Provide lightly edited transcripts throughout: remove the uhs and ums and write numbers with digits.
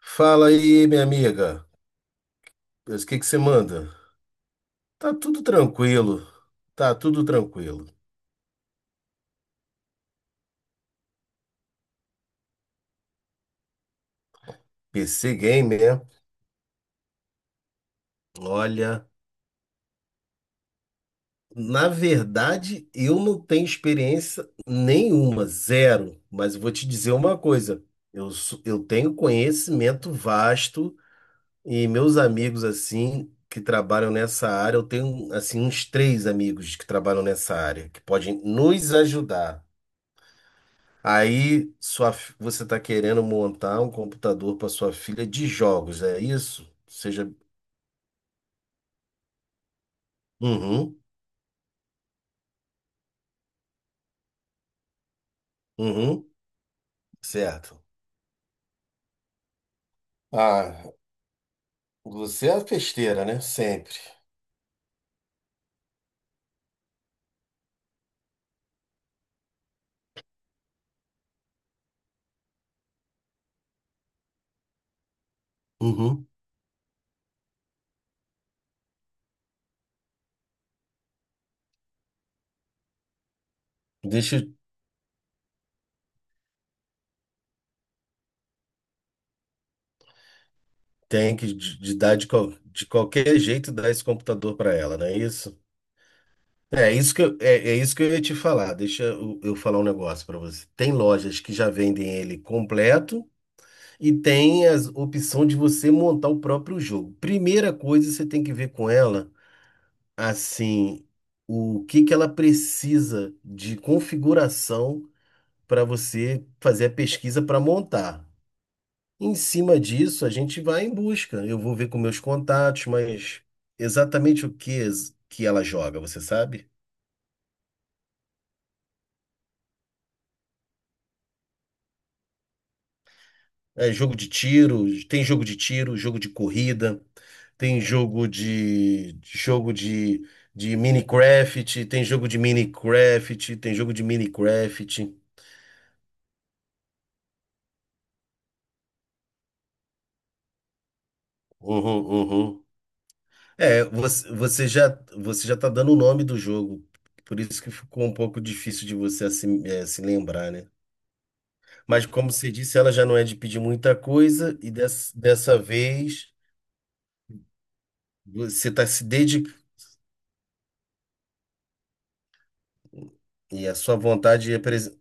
Fala aí, minha amiga. O que que você manda? Tá tudo tranquilo. Tá tudo tranquilo. PC Game, né? Olha, na verdade, eu não tenho experiência nenhuma, zero. Mas eu vou te dizer uma coisa. Eu tenho conhecimento vasto e meus amigos, assim, que trabalham nessa área, eu tenho, assim, uns três amigos que trabalham nessa área, que podem nos ajudar. Aí, você está querendo montar um computador para sua filha de jogos, é isso? Seja. Uhum, uhum, certo. Ah, você é a festeira, né? Sempre. Uhum. Deixa, eu- tem que de qualquer jeito dar esse computador para ela, não é isso? É isso que eu ia te falar. Deixa eu falar um negócio para você. Tem lojas que já vendem ele completo. E tem a opção de você montar o próprio jogo. Primeira coisa, você tem que ver com ela, assim, o que que ela precisa de configuração para você fazer a pesquisa para montar. Em cima disso, a gente vai em busca. Eu vou ver com meus contatos, mas exatamente o que que ela joga, você sabe? É jogo de tiro, tem jogo de tiro, jogo de corrida. Tem jogo de Minecraft, tem jogo de Minecraft, tem jogo de Minecraft. Uhum, uhum. É, você já tá dando o nome do jogo. Por isso que ficou um pouco difícil de você assim, se lembrar, né? Mas como você disse, ela já não é de pedir muita coisa e dessa vez você está se dedicando e a sua vontade é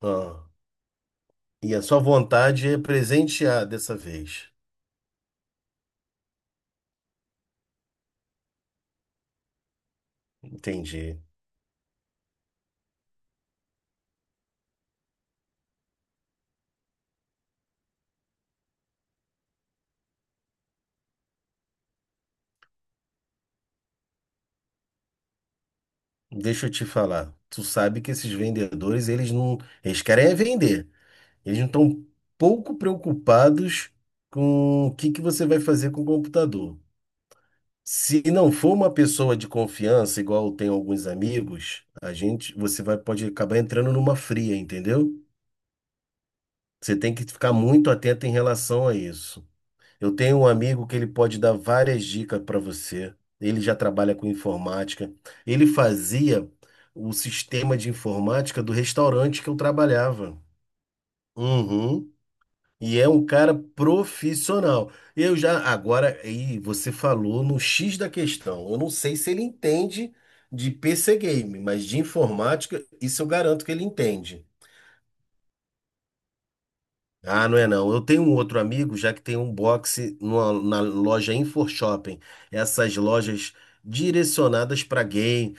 ah, e a sua vontade é presentear dessa vez. Entendi. Deixa eu te falar. Tu sabe que esses vendedores, eles não, eles querem é vender. Eles não estão pouco preocupados com o que que você vai fazer com o computador. Se não for uma pessoa de confiança, igual tem alguns amigos, a gente, você vai pode acabar entrando numa fria, entendeu? Você tem que ficar muito atento em relação a isso. Eu tenho um amigo que ele pode dar várias dicas para você. Ele já trabalha com informática. Ele fazia o sistema de informática do restaurante que eu trabalhava. Uhum. E é um cara profissional. Eu já agora aí você falou no X da questão. Eu não sei se ele entende de PC game, mas de informática isso eu garanto que ele entende. Ah, não é não. Eu tenho um outro amigo, já que tem um boxe na loja Info Shopping. Essas lojas direcionadas para game,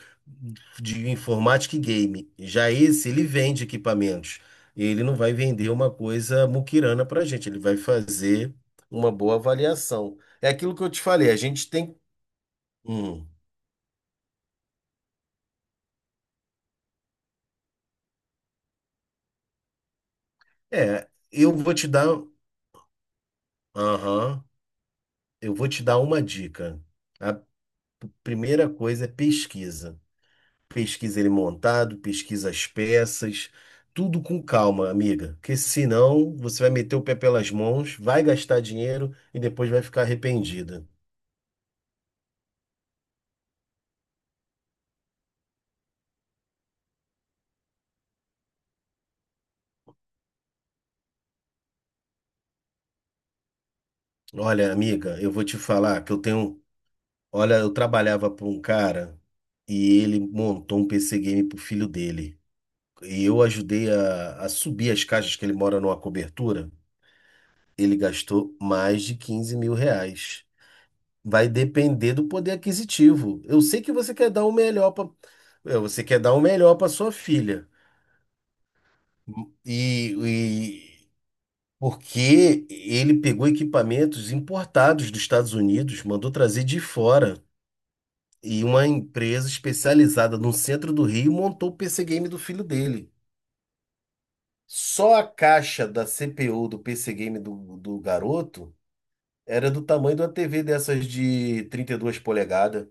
de informática e game. Já esse, ele vende equipamentos. Ele não vai vender uma coisa muquirana para gente. Ele vai fazer uma boa avaliação. É aquilo que eu te falei. A gente tem. Hum. É, eu vou te dar. Aham. Eu vou te dar uma dica. A primeira coisa é pesquisa. Pesquisa ele montado, pesquisa as peças, tudo com calma, amiga, porque senão você vai meter o pé pelas mãos, vai gastar dinheiro e depois vai ficar arrependida. Olha, amiga, eu vou te falar que olha, eu trabalhava para um cara e ele montou um PC game pro filho dele. E eu ajudei a subir as caixas que ele mora numa cobertura. Ele gastou mais de 15 mil reais. Vai depender do poder aquisitivo. Eu sei que você quer dar o melhor para sua filha. E, e- porque ele pegou equipamentos importados dos Estados Unidos, mandou trazer de fora. E uma empresa especializada no centro do Rio montou o PC Game do filho dele. Só a caixa da CPU do PC Game do garoto era do tamanho de uma TV dessas de 32 polegadas.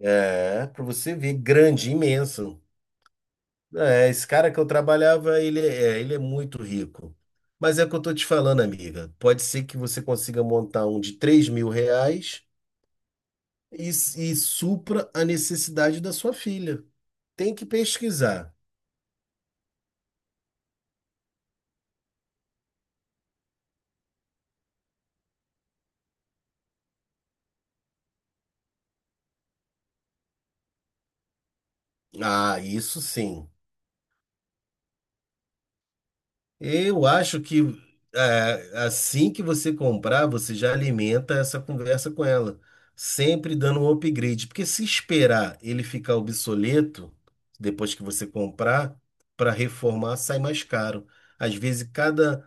É, para você ver, grande, imensa. É, esse cara que eu trabalhava, ele é muito rico. Mas é o que eu tô te falando, amiga. Pode ser que você consiga montar um de 3 mil reais e supra a necessidade da sua filha. Tem que pesquisar. Ah, isso sim. Eu acho que assim que você comprar, você já alimenta essa conversa com ela, sempre dando um upgrade, porque se esperar ele ficar obsoleto depois que você comprar, para reformar sai mais caro. Às vezes cada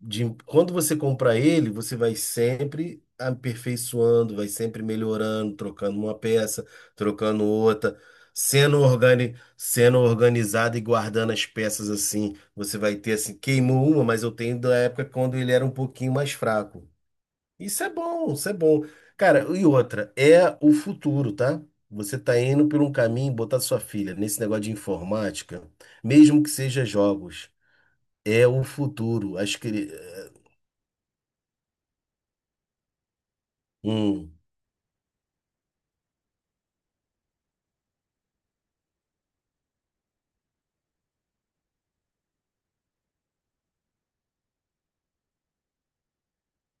de- quando você comprar ele, você vai sempre aperfeiçoando, vai sempre melhorando, trocando uma peça, trocando outra, sendo organizado e guardando as peças assim. Você vai ter assim, queimou uma, mas eu tenho da época quando ele era um pouquinho mais fraco. Isso é bom, isso é bom. Cara, e outra, é o futuro, tá? Você tá indo por um caminho, botar sua filha nesse negócio de informática, mesmo que seja jogos, é o futuro. Acho que. Hum.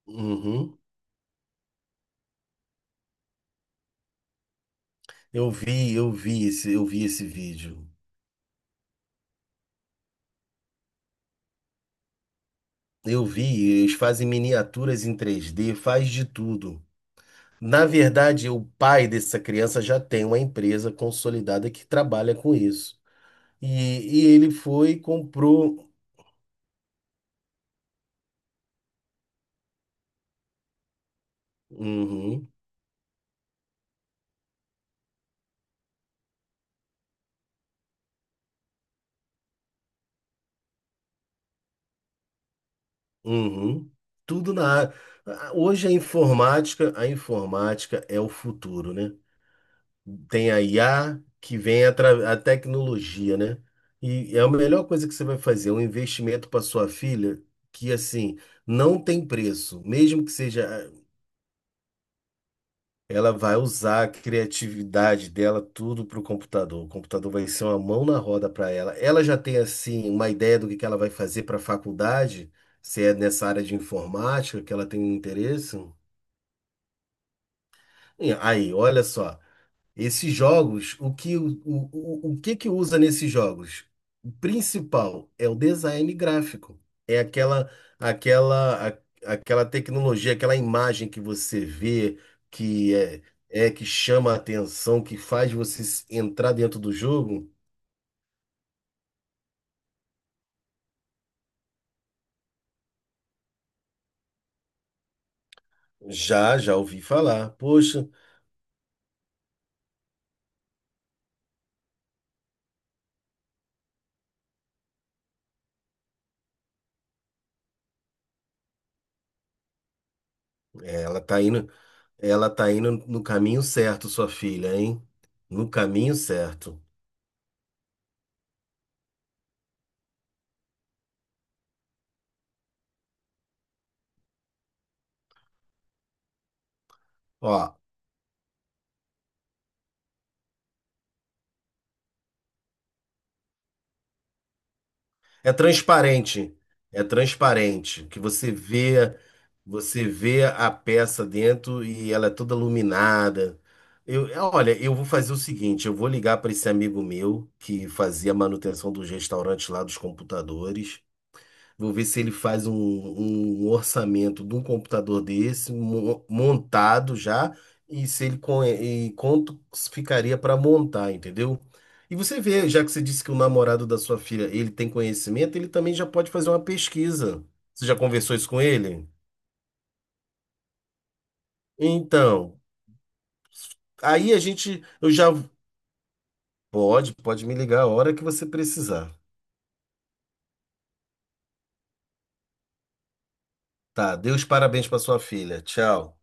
Uhum. Eu vi esse vídeo. Eu vi, eles fazem miniaturas em 3D. Faz de tudo. Na verdade, o pai dessa criança já tem uma empresa consolidada que trabalha com isso. E, e ele foi e comprou. Uhum, uhum. Tudo na área. Ah, hoje a informática, é o futuro, né? Tem a IA que vem a tecnologia, né? E é a melhor coisa que você vai fazer, um investimento para sua filha que assim não tem preço, mesmo que seja. Ela vai usar a criatividade dela tudo para o computador. O computador vai ser uma mão na roda para ela. Ela já tem assim uma ideia do que ela vai fazer para a faculdade, se é nessa área de informática que ela tem interesse. E aí, olha só. Esses jogos, o que que usa nesses jogos? O principal é o design gráfico. É aquela, a- aquela tecnologia, aquela imagem que você vê, que é que chama a atenção, que faz você entrar dentro do jogo. Já, já ouvi falar. Poxa, ela tá indo, ela tá indo no caminho certo, sua filha, hein? No caminho certo. Ó, é transparente. É transparente. Que você vê a peça dentro e ela é toda iluminada. Olha, eu vou fazer o seguinte, eu vou ligar para esse amigo meu que fazia manutenção dos restaurantes lá dos computadores. Vou ver se ele faz um orçamento de um computador desse, montado já, e se e quanto ficaria para montar, entendeu? E você vê, já que você disse que o namorado da sua filha, ele tem conhecimento, ele também já pode fazer uma pesquisa. Você já conversou isso com ele? Então, aí a gente, eu já pode me ligar a hora que você precisar. Tá, dê os parabéns para sua filha. Tchau.